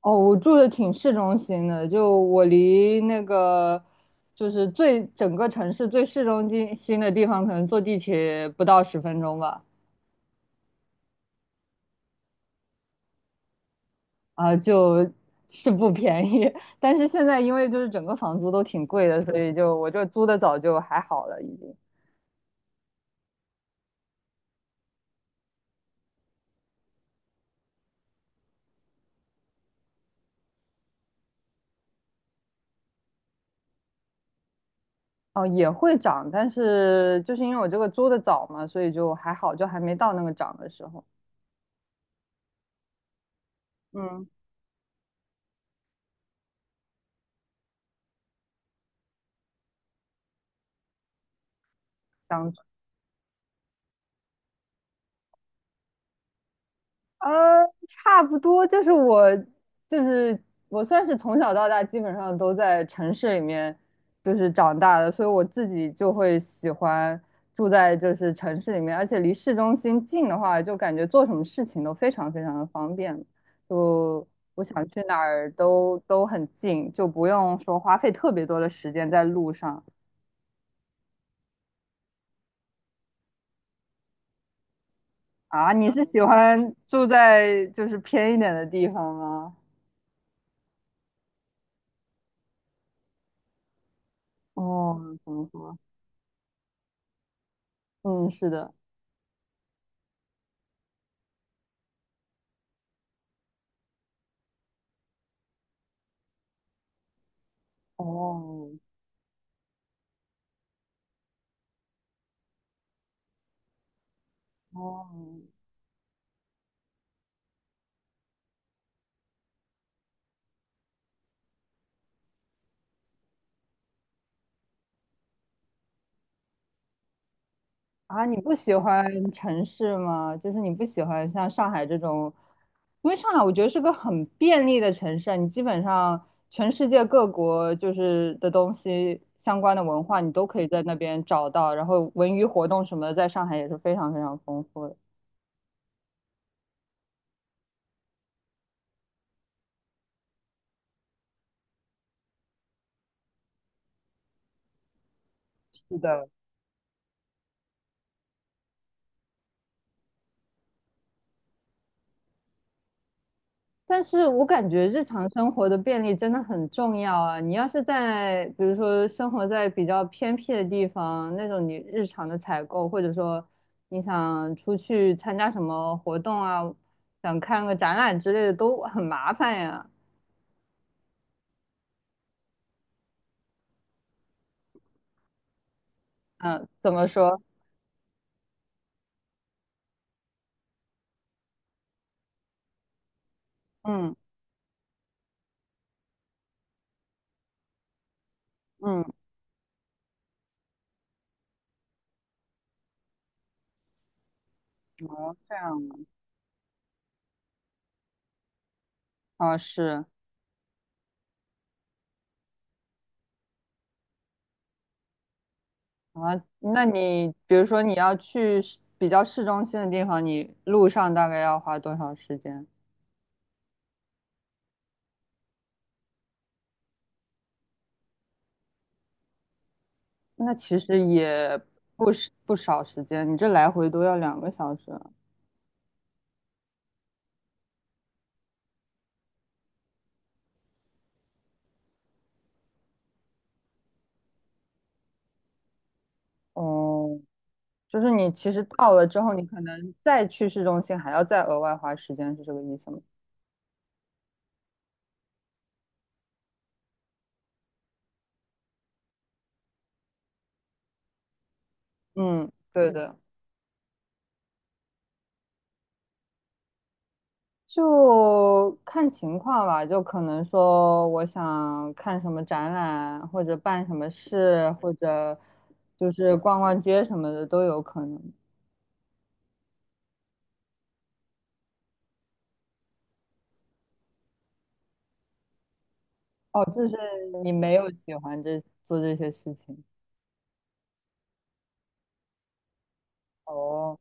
哦，我住的挺市中心的，就我离那个最整个城市最市中心的地方，可能坐地铁不到10分钟吧。啊，就是不便宜，但是现在因为就是整个房租都挺贵的，所以就我这租的早就还好了，已经。哦，也会涨，但是就是因为我这个租的早嘛，所以就还好，就还没到那个涨的时候。嗯，涨差不多就是我，就是我算是从小到大基本上都在城市里面就是长大的，所以我自己就会喜欢住在就是城市里面，而且离市中心近的话，就感觉做什么事情都非常非常的方便，就我想去哪儿都很近，就不用说花费特别多的时间在路上。啊。你是喜欢住在就是偏一点的地方吗？哦，怎么说？嗯，是的。哦哦。啊！你不喜欢城市吗？就是你不喜欢像上海这种，因为上海我觉得是个很便利的城市啊，你基本上全世界各国就是的东西相关的文化，你都可以在那边找到，然后文娱活动什么的，在上海也是非常非常丰富的。是的。但是我感觉日常生活的便利真的很重要啊！你要是在，比如说生活在比较偏僻的地方，那种你日常的采购，或者说你想出去参加什么活动啊，想看个展览之类的，都很麻烦呀。嗯，怎么说？嗯嗯，哦，这样啊，哦是啊，那你比如说你要去市比较市中心的地方，你路上大概要花多少时间？那其实也不是不少时间，你这来回都要2个小时。哦，就是你其实到了之后，你可能再去市中心还要再额外花时间，是这个意思吗？嗯，对嗯的，就看情况吧。就可能说我想看什么展览，或者办什么事，或者就是逛逛街什么的都有可能。哦，就是你没有喜欢这做这些事情。哦，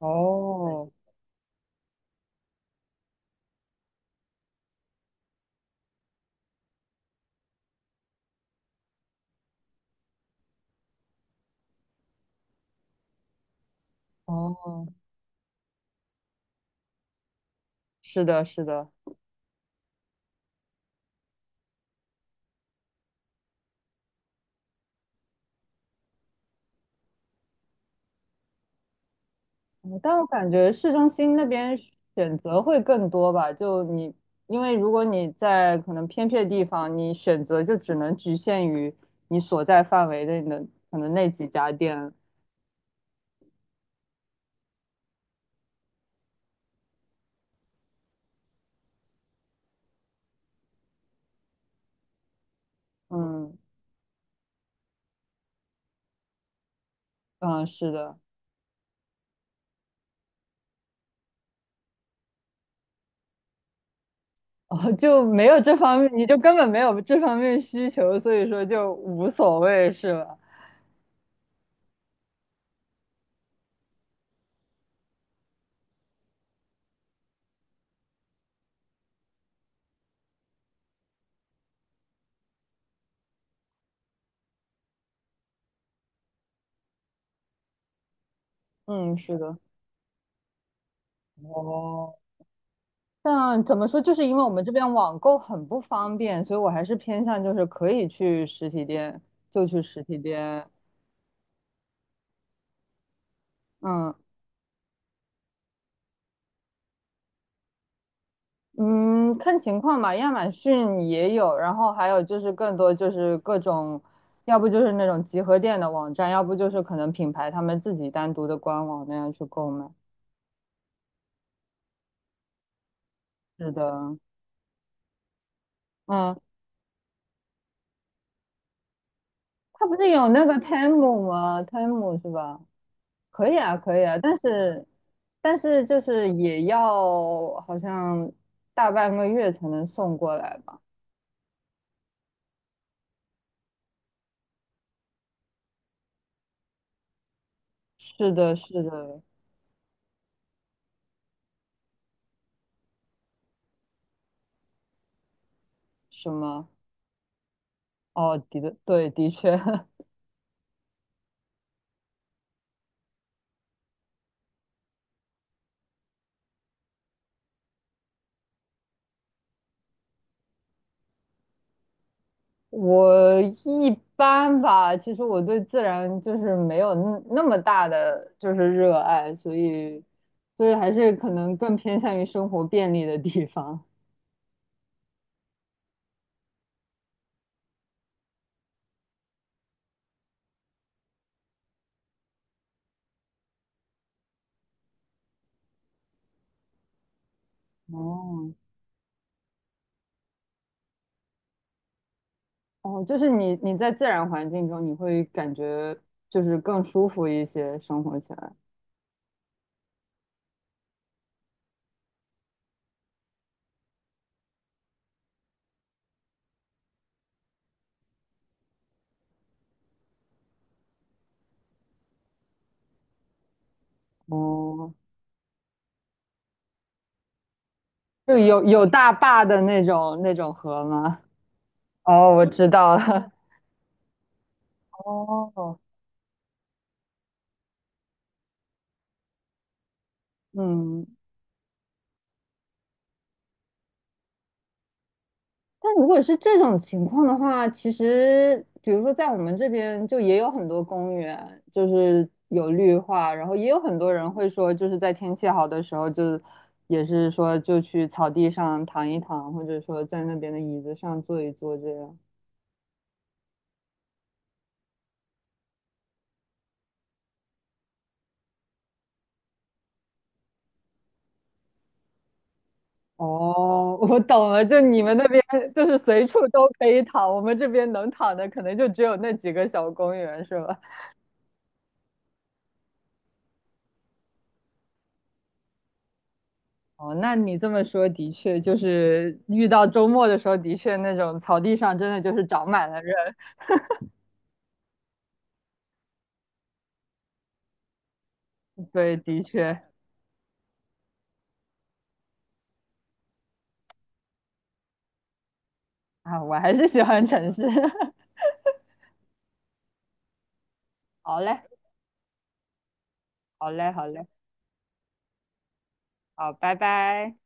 哦，哦。是的，是的，嗯。但我感觉市中心那边选择会更多吧。就你，因为如果你在可能偏僻的地方，你选择就只能局限于你所在范围内的可能那几家店。嗯嗯，是的，哦就没有这方面，你就根本没有这方面需求，所以说就无所谓，是吧？嗯，是的。哦。但怎么说，就是因为我们这边网购很不方便，所以我还是偏向就是可以去实体店就去实体店。嗯嗯，看情况吧，亚马逊也有，然后还有就是更多就是各种，要不就是那种集合店的网站，要不就是可能品牌他们自己单独的官网那样去购买。是的，嗯，它不是有那个 Temu 吗？Temu 是吧？可以啊，可以啊，但是就是也要好像大半个月才能送过来吧？是的，是的，什么？哦，的的，对，的确，我一般吧。其实我对自然就是没有那那么大的就是热爱，所以所以还是可能更偏向于生活便利的地方。哦哦，就是你在自然环境中，你会感觉就是更舒服一些，生活起来。哦，就有大坝的那种那种河吗？哦，我知道了。哦，嗯，但如果是这种情况的话，其实比如说在我们这边就也有很多公园，就是有绿化，然后也有很多人会说，就是在天气好的时候就，也是说就去草地上躺一躺，或者说在那边的椅子上坐一坐这样。哦，我懂了，就你们那边就是随处都可以躺，我们这边能躺的可能就只有那几个小公园，是吧？哦，那你这么说的确，就是遇到周末的时候，的确那种草地上真的就是长满了人。对，的确啊，我还是喜欢城市。好嘞，好嘞，好嘞，好，拜拜。